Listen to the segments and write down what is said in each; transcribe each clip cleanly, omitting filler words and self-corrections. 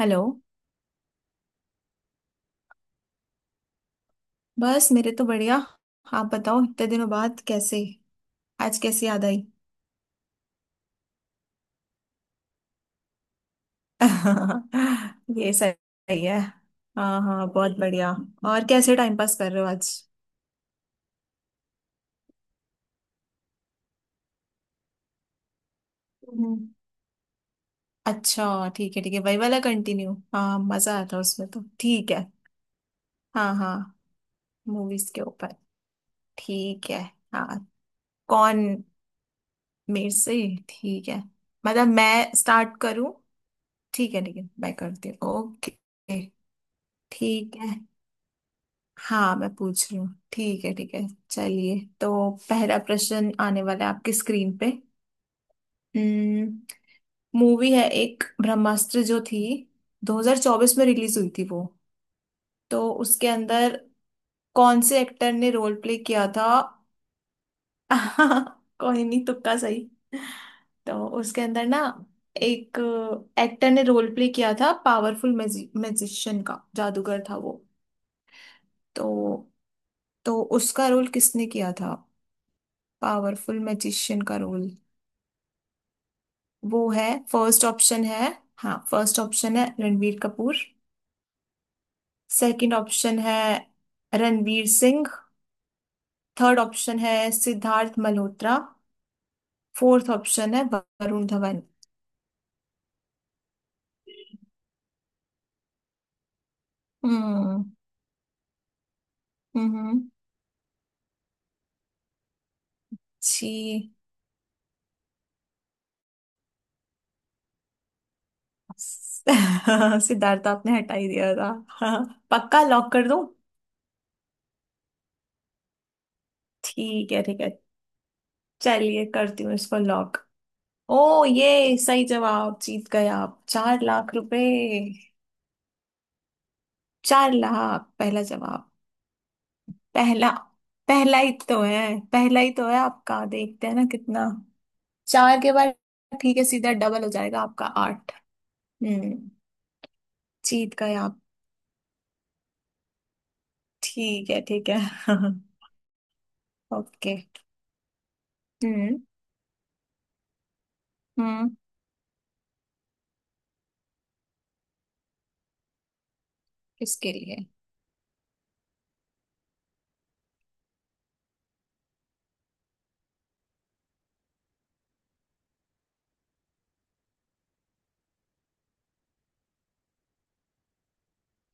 Hello. बस मेरे तो बढ़िया। आप बताओ इतने दिनों बाद कैसे, आज कैसे याद आई। ये सही है। हाँ हाँ बहुत बढ़िया। और कैसे टाइम पास कर रहे हो आज? हम्म, अच्छा ठीक है वही वाला कंटिन्यू। हाँ मजा आता है उसमें तो, ठीक है। हाँ हाँ। मूवीज के ऊपर। ठीक है। हाँ। कौन। मेरे से? ठीक है। मतलब मैं स्टार्ट करूँ? ठीक है मैं करती हूँ, ओके। ठीक है। हाँ मैं पूछ रही हूँ, ठीक है चलिए, तो पहला प्रश्न आने वाला है आपकी स्क्रीन पे। हम्म, मूवी है एक ब्रह्मास्त्र, जो थी 2024 में रिलीज हुई थी वो। तो उसके अंदर कौन से एक्टर ने रोल प्ले किया था? कोई नहीं, तुक्का सही। तो उसके अंदर ना एक एक्टर ने रोल प्ले किया था पावरफुल मैजिशियन का, जादूगर था वो। तो तो उसका रोल किसने किया था? पावरफुल मैजिशियन का रोल। वो है फर्स्ट ऑप्शन है, हाँ फर्स्ट ऑप्शन है रणवीर कपूर। सेकंड ऑप्शन है रणवीर सिंह। थर्ड ऑप्शन है सिद्धार्थ मल्होत्रा। फोर्थ ऑप्शन है वरुण धवन। हम्म। हम्म। जी। सिद्धार्थ आपने हटा ही दिया था हाँ, पक्का लॉक कर दूं? ठीक है ठीक है, चलिए करती हूँ इसको लॉक। ओ ये सही जवाब, जीत गए आप 4 लाख रुपए। 4 लाख, पहला जवाब। पहला, पहला ही तो है। पहला ही तो है आपका, देखते हैं ना कितना। 4 के बाद, ठीक है सीधा डबल हो जाएगा आपका, आठ। हम्म। जीत गए आप। ठीक है ओके। हम्म। हम्म। किसके लिए?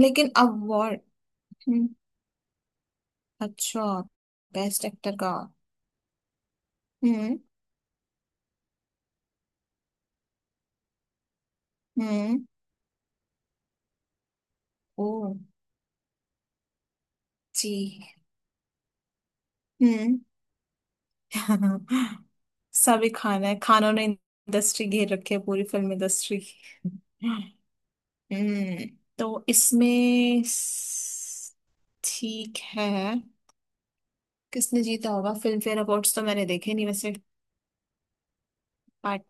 लेकिन अवार्ड। हम्म। अच्छा, बेस्ट एक्टर का। हम्म। हम्म। ओ। जी। हम्म। सभी खान है, खानों ने इंडस्ट्री घेर रखी है पूरी फिल्म इंडस्ट्री। हम्म। तो इसमें ठीक है। किसने जीता होगा फिल्म फेयर अवार्ड्स तो मैंने देखे नहीं वैसे, बट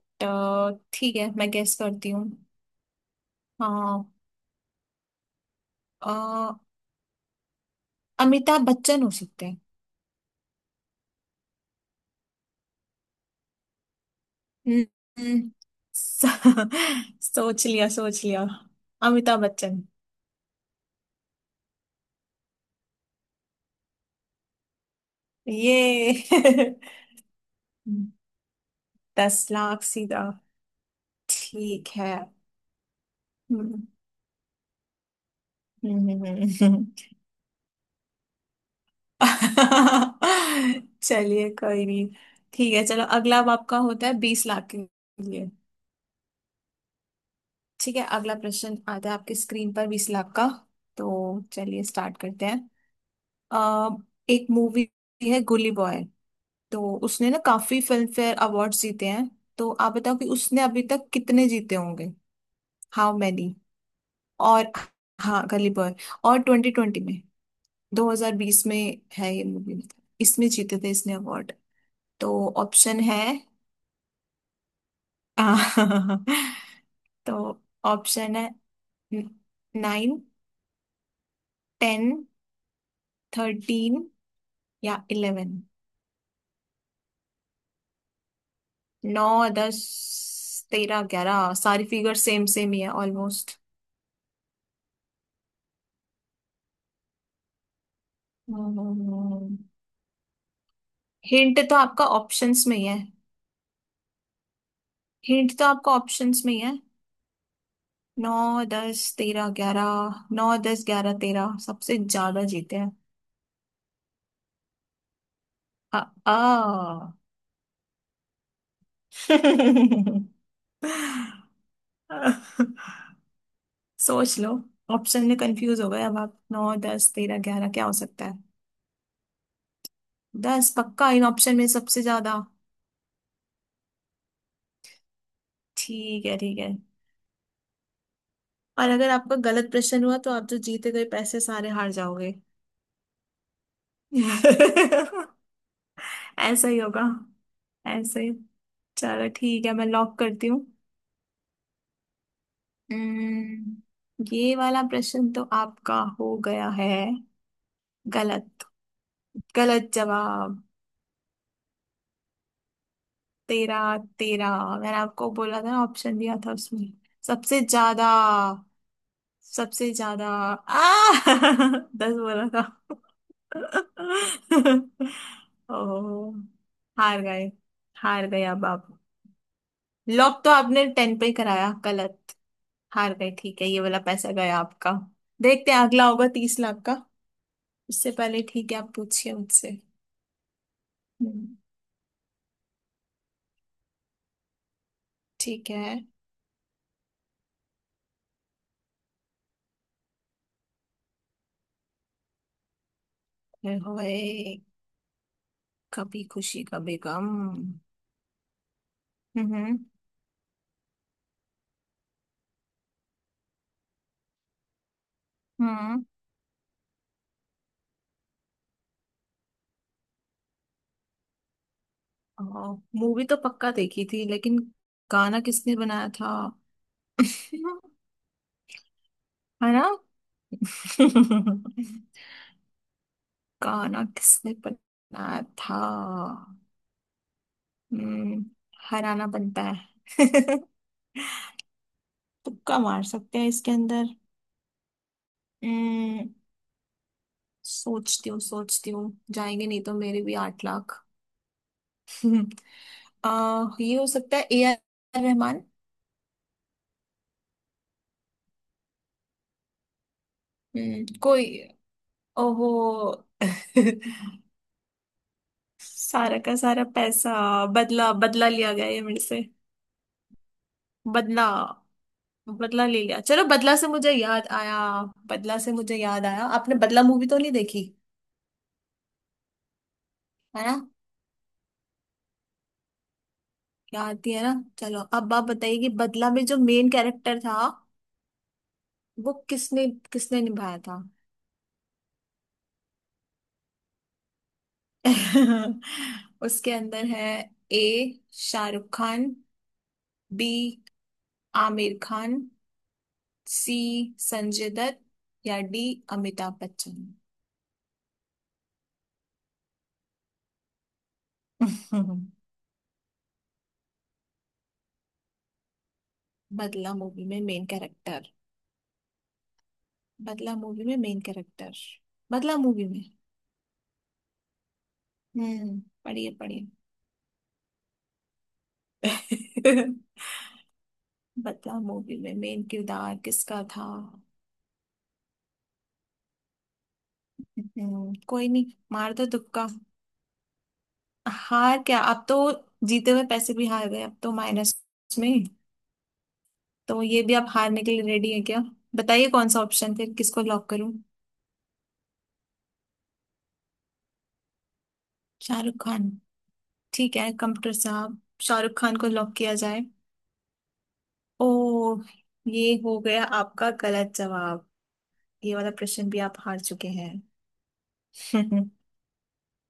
ठीक है मैं गेस करती हूँ। हाँ। अ, अमिताभ बच्चन हो सकते हैं। हम्म। हम्म। स- सोच लिया सोच लिया। अमिताभ बच्चन। ये 10 लाख सीधा। ठीक है। हम्म। हम्म। हम्म। हम्म। हम्म। चलिए कोई नहीं, ठीक है चलो, अगला अब आपका होता है 20 लाख के लिए। ठीक है, अगला प्रश्न आता है आपके स्क्रीन पर 20 लाख का। तो चलिए स्टार्ट करते हैं। अ, एक मूवी है गुली बॉय। तो उसने ना काफी फिल्म फेयर अवार्ड्स जीते हैं। तो आप बताओ कि उसने अभी तक कितने जीते होंगे। हाउ मैनी, और हाँ गली बॉय। और 2020 में, 2020 में है ये मूवी। इसमें जीते थे इसने अवार्ड। तो ऑप्शन है। आ, तो ऑप्शन है नाइन, 10, 13 या 11। नौ, 10, 13, 11, सारी फिगर सेम सेम ही है ऑलमोस्ट। हिंट तो आपका ऑप्शंस में ही है। हिंट तो आपका ऑप्शंस में ही है। नौ, दस, तेरह, ग्यारह। नौ, दस, ग्यारह, तेरह, सबसे ज्यादा जीते हैं। आ, आ। सोच लो। ऑप्शन में कंफ्यूज हो गए अब आप, नौ दस तेरह ग्यारह, क्या हो सकता है। दस पक्का, इन ऑप्शन में सबसे ज्यादा? ठीक है ठीक है। और अगर आपका गलत प्रश्न हुआ तो आप जो जीते गए पैसे सारे हार जाओगे। ऐसा ही होगा, ऐसे ही। चलो ठीक है मैं लॉक करती हूँ। हम्म, ये वाला प्रश्न तो आपका हो गया है गलत। गलत जवाब। तेरह, तेरह मैंने आपको बोला था ना, ऑप्शन दिया था उसमें। सबसे ज्यादा। सबसे ज्यादा आ दस बोला था। ओ। हार गए, हार गए अब आप। लॉक तो आपने टेन पे ही कराया, गलत। हार गए, ठीक है ये वाला पैसा गया आपका। देखते हैं, अगला होगा 30 लाख का। उससे पहले ठीक है आप पूछिए मुझसे। हम्म, ठीक है। फिर होए, कभी खुशी कभी गम। हम्म। हम्म। मूवी तो पक्का देखी थी लेकिन गाना किसने बनाया था? है ना? गाना किसने बनाया था? हम्म, हराना बनता है तुक्का मार सकते हैं इसके अंदर। हम्म, सोचती हूँ सोचती हूँ। जाएंगे नहीं तो मेरे भी 8 लाख। हम्म, ये हो सकता है ए आर रहमान। कोई। ओहो सारा का सारा पैसा। बदला, बदला लिया गया ये मेरे से। बदला। बदला ले लिया, चलो, बदला से मुझे याद आया। बदला से मुझे याद आया, आपने बदला मूवी तो नहीं देखी? है ना, याद थी है ना। चलो अब आप बताइए कि बदला में जो मेन कैरेक्टर था, वो किसने किसने निभाया था। उसके अंदर है। A Shahrukh Khan. B Aamir Khan. C Sanjay Dutt. या डी अमिताभ बच्चन। बदला मूवी में मेन कैरेक्टर। बदला मूवी में मेन कैरेक्टर। बदला मूवी में। हम्म, पढ़िए पढ़िए। बता मूवी में मेन किरदार किसका था? हम्म, कोई नहीं, मार दो तुक्का। हार क्या अब तो, जीते हुए पैसे भी हार गए अब तो, माइनस में। तो ये भी आप हारने के लिए रेडी है क्या, बताइए कौन सा ऑप्शन, फिर किसको लॉक करूं? शाहरुख खान। ठीक है, कंप्यूटर साहब, शाहरुख खान को लॉक किया जाए। ओ ये हो गया आपका गलत जवाब। ये वाला प्रश्न भी आप हार चुके हैं।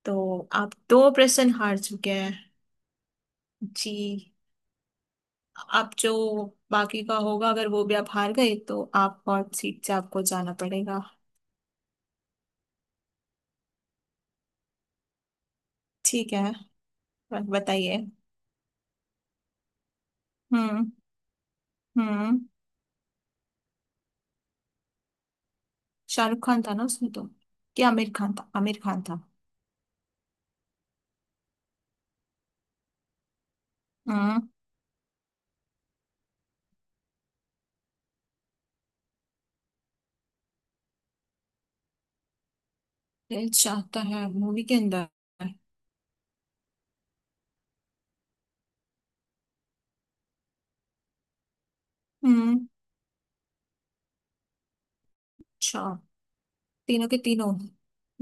तो आप दो प्रश्न हार चुके हैं। जी, आप जो बाकी का होगा, अगर वो भी आप हार गए तो आप हॉट सीट से, आपको जाना पड़ेगा। ठीक है बताइए। हम्म। हम्म। शाहरुख खान था ना उसमें तो? क्या आमिर खान था, आमिर खान था? हम्म, दिल चाहता है मूवी के अंदर। हम्म अच्छा, तीनों के तीनों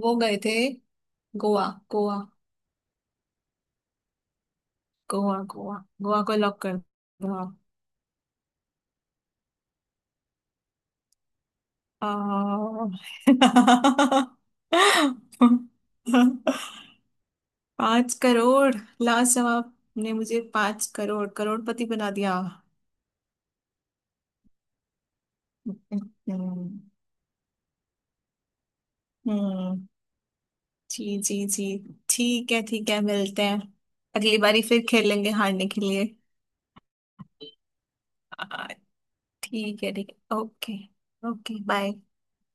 वो गए थे गोवा। गोवा। गोवा, गोवा। गोवा को लॉक कर दो। आ, 5 करोड़। लास्ट जवाब ने मुझे 5 करोड़, करोड़पति बना दिया। हम्म। हम्म, जी जी जी, ठीक है मिलते हैं। अगली बारी फिर खेलेंगे हारने के लिए। आ, ठीक है ओके। Okay bye.